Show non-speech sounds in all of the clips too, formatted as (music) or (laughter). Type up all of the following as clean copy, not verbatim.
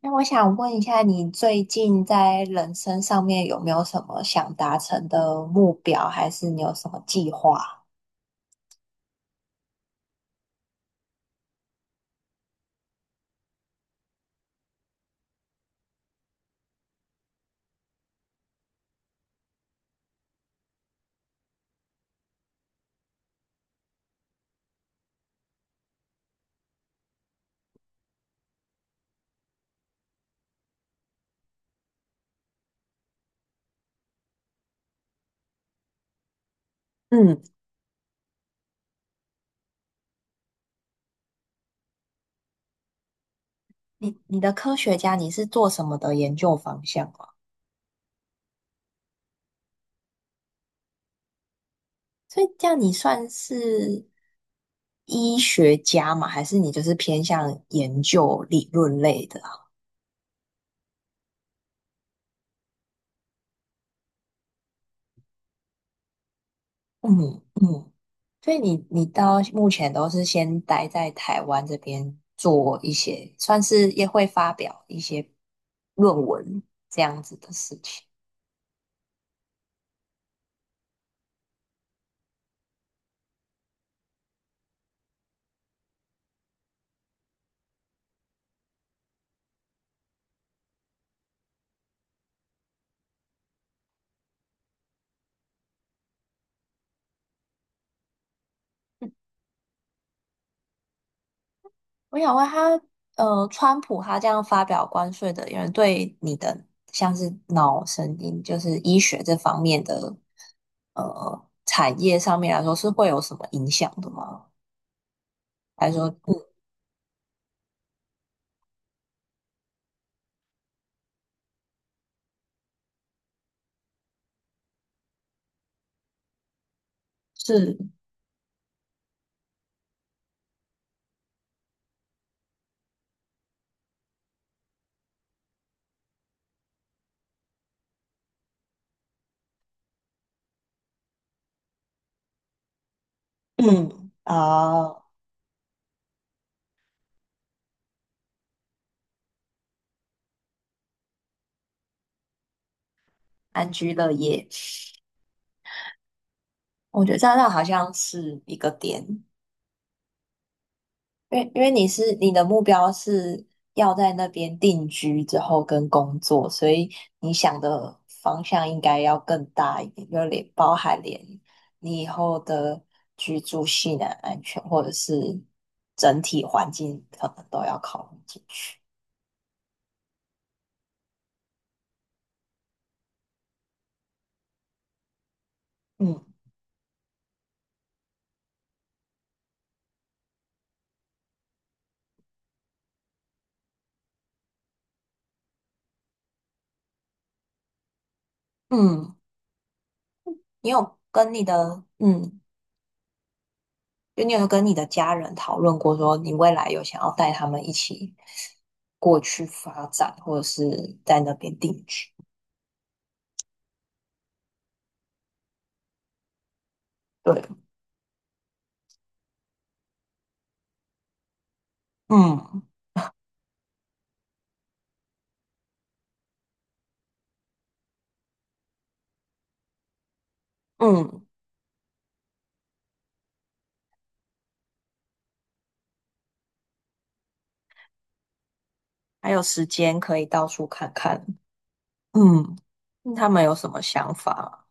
那我想问一下，你最近在人生上面有没有什么想达成的目标，还是你有什么计划？嗯，你的科学家你是做什么的研究方向啊？所以这样你算是医学家吗？还是你就是偏向研究理论类的啊。嗯嗯。所以你到目前都是先待在台湾这边做一些，算是也会发表一些论文这样子的事情。我想问他，川普他这样发表关税的，有人对你的像是脑神经，就是医学这方面的产业上面来说，是会有什么影响的吗？还是说，嗯，是，嗯，啊、安居乐业，我觉得这样好像是一个点。因为你是你的目标是要在那边定居之后跟工作，所以你想的方向应该要更大一点，就连包含连你以后的居住性啊、安全，或者是整体环境，可能都要考虑进去。嗯嗯，你有跟你的嗯，就你有跟你的家人讨论过，说你未来有想要带他们一起过去发展，或者是在那边定居？对。嗯嗯，还有时间可以到处看看。嗯，他们有什么想法？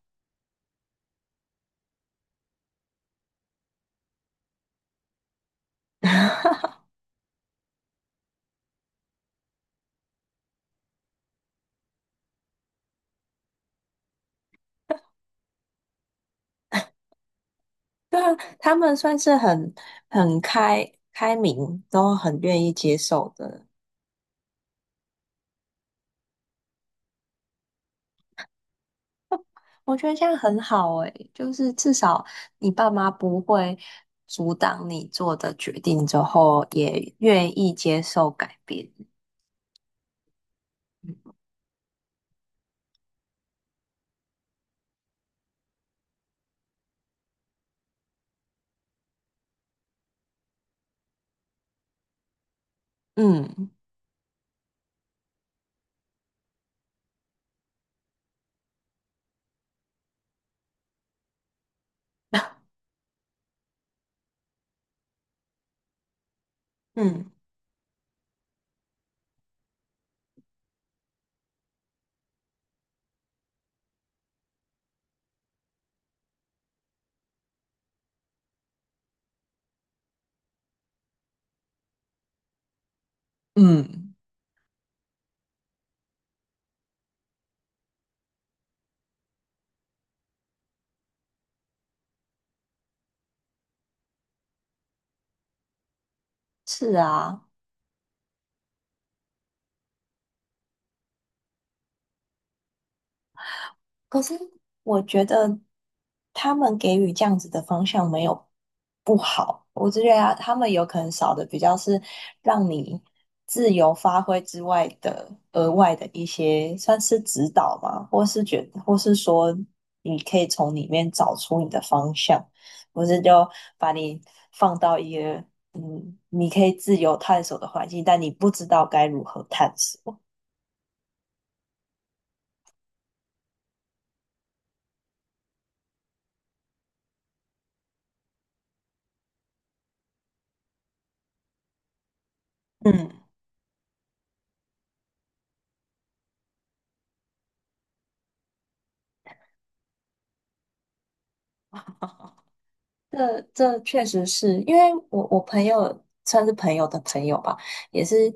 (laughs) 对啊，他们算是很很开明，都很愿意接受的。我觉得这样很好诶，就是至少你爸妈不会阻挡你做的决定之后，也愿意接受改变。嗯嗯，嗯，是啊。可是我觉得他们给予这样子的方向没有不好，我只觉得啊他们有可能少的比较是让你自由发挥之外的额外的一些算是指导嘛，或是觉或是说你可以从里面找出你的方向，不是就把你放到一个嗯你可以自由探索的环境，但你不知道该如何探索。嗯，这确实是因为我朋友算是朋友的朋友吧，也是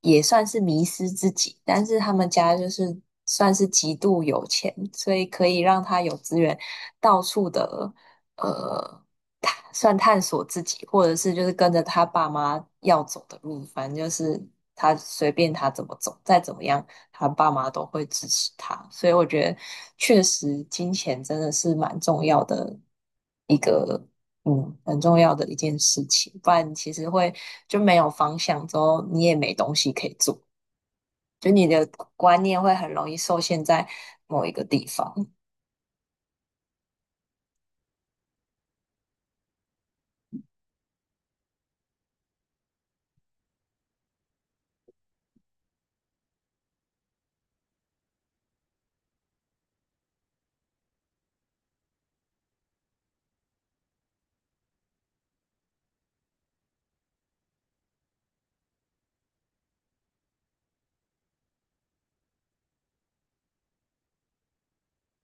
也算是迷失自己，但是他们家就是算是极度有钱，所以可以让他有资源到处的呃探索自己，或者是就是跟着他爸妈要走的路，反正就是他随便他怎么走，再怎么样他爸妈都会支持他，所以我觉得确实金钱真的是蛮重要的一个，嗯，很重要的一件事情，不然其实会就没有方向，之后你也没东西可以做，就你的观念会很容易受限在某一个地方。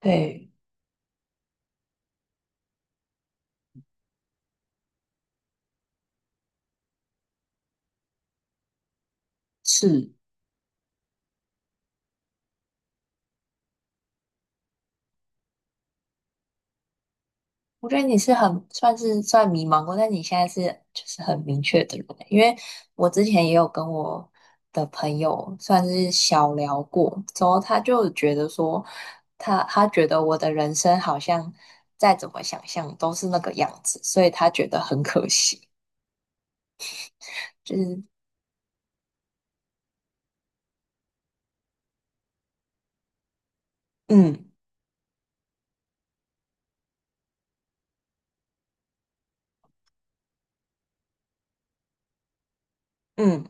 对，是，我觉得你是很算是算迷茫过，但你现在是就是很明确的人欸，因为我之前也有跟我的朋友算是小聊过，之后他就觉得说他觉得我的人生好像再怎么想象都是那个样子，所以他觉得很可惜，就是嗯嗯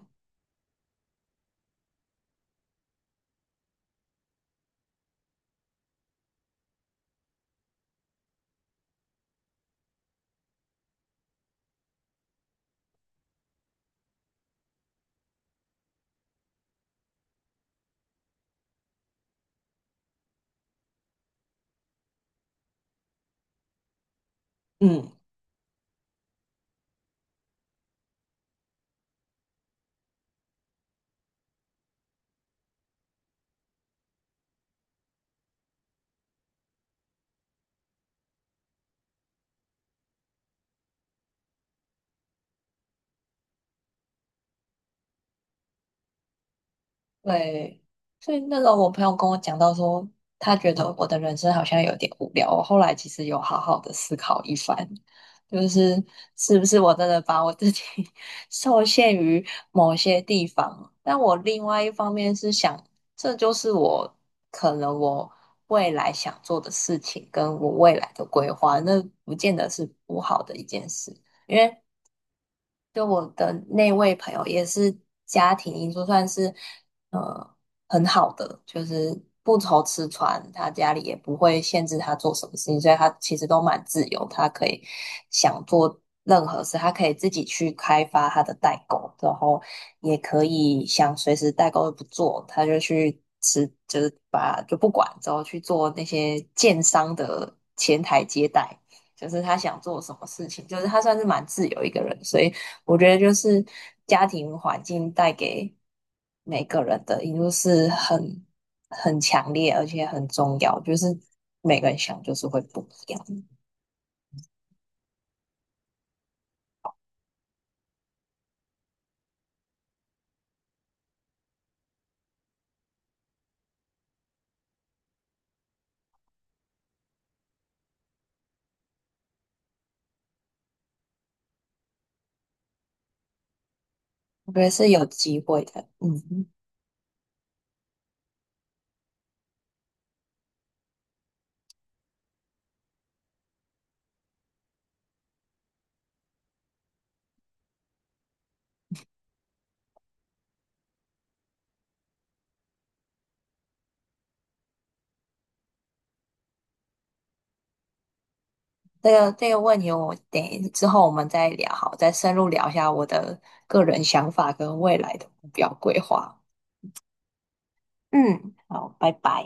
嗯。对，所以那时候我朋友跟我讲到说，他觉得我的人生好像有点无聊。我后来其实有好好的思考一番，就是是不是我真的把我自己 (laughs) 受限于某些地方？但我另外一方面是想，这就是我可能我未来想做的事情，跟我未来的规划，那不见得是不好的一件事。因为就我的那位朋友也是家庭因素，算是呃很好的，就是不愁吃穿，他家里也不会限制他做什么事情，所以他其实都蛮自由，他可以想做任何事，他可以自己去开发他的代购，然后也可以想随时代购不做，他就去吃，就是把就不管，之后去做那些建商的前台接待。就是他想做什么事情，就是他算是蛮自由一个人，所以我觉得就是家庭环境带给每个人的因素是很很强烈，而且很重要，就是每个人想就是会不一样。我觉得是有机会的，嗯，这个问题我之后我们再聊，好，再深入聊一下我的个人想法跟未来的目标规划。嗯，好，拜拜。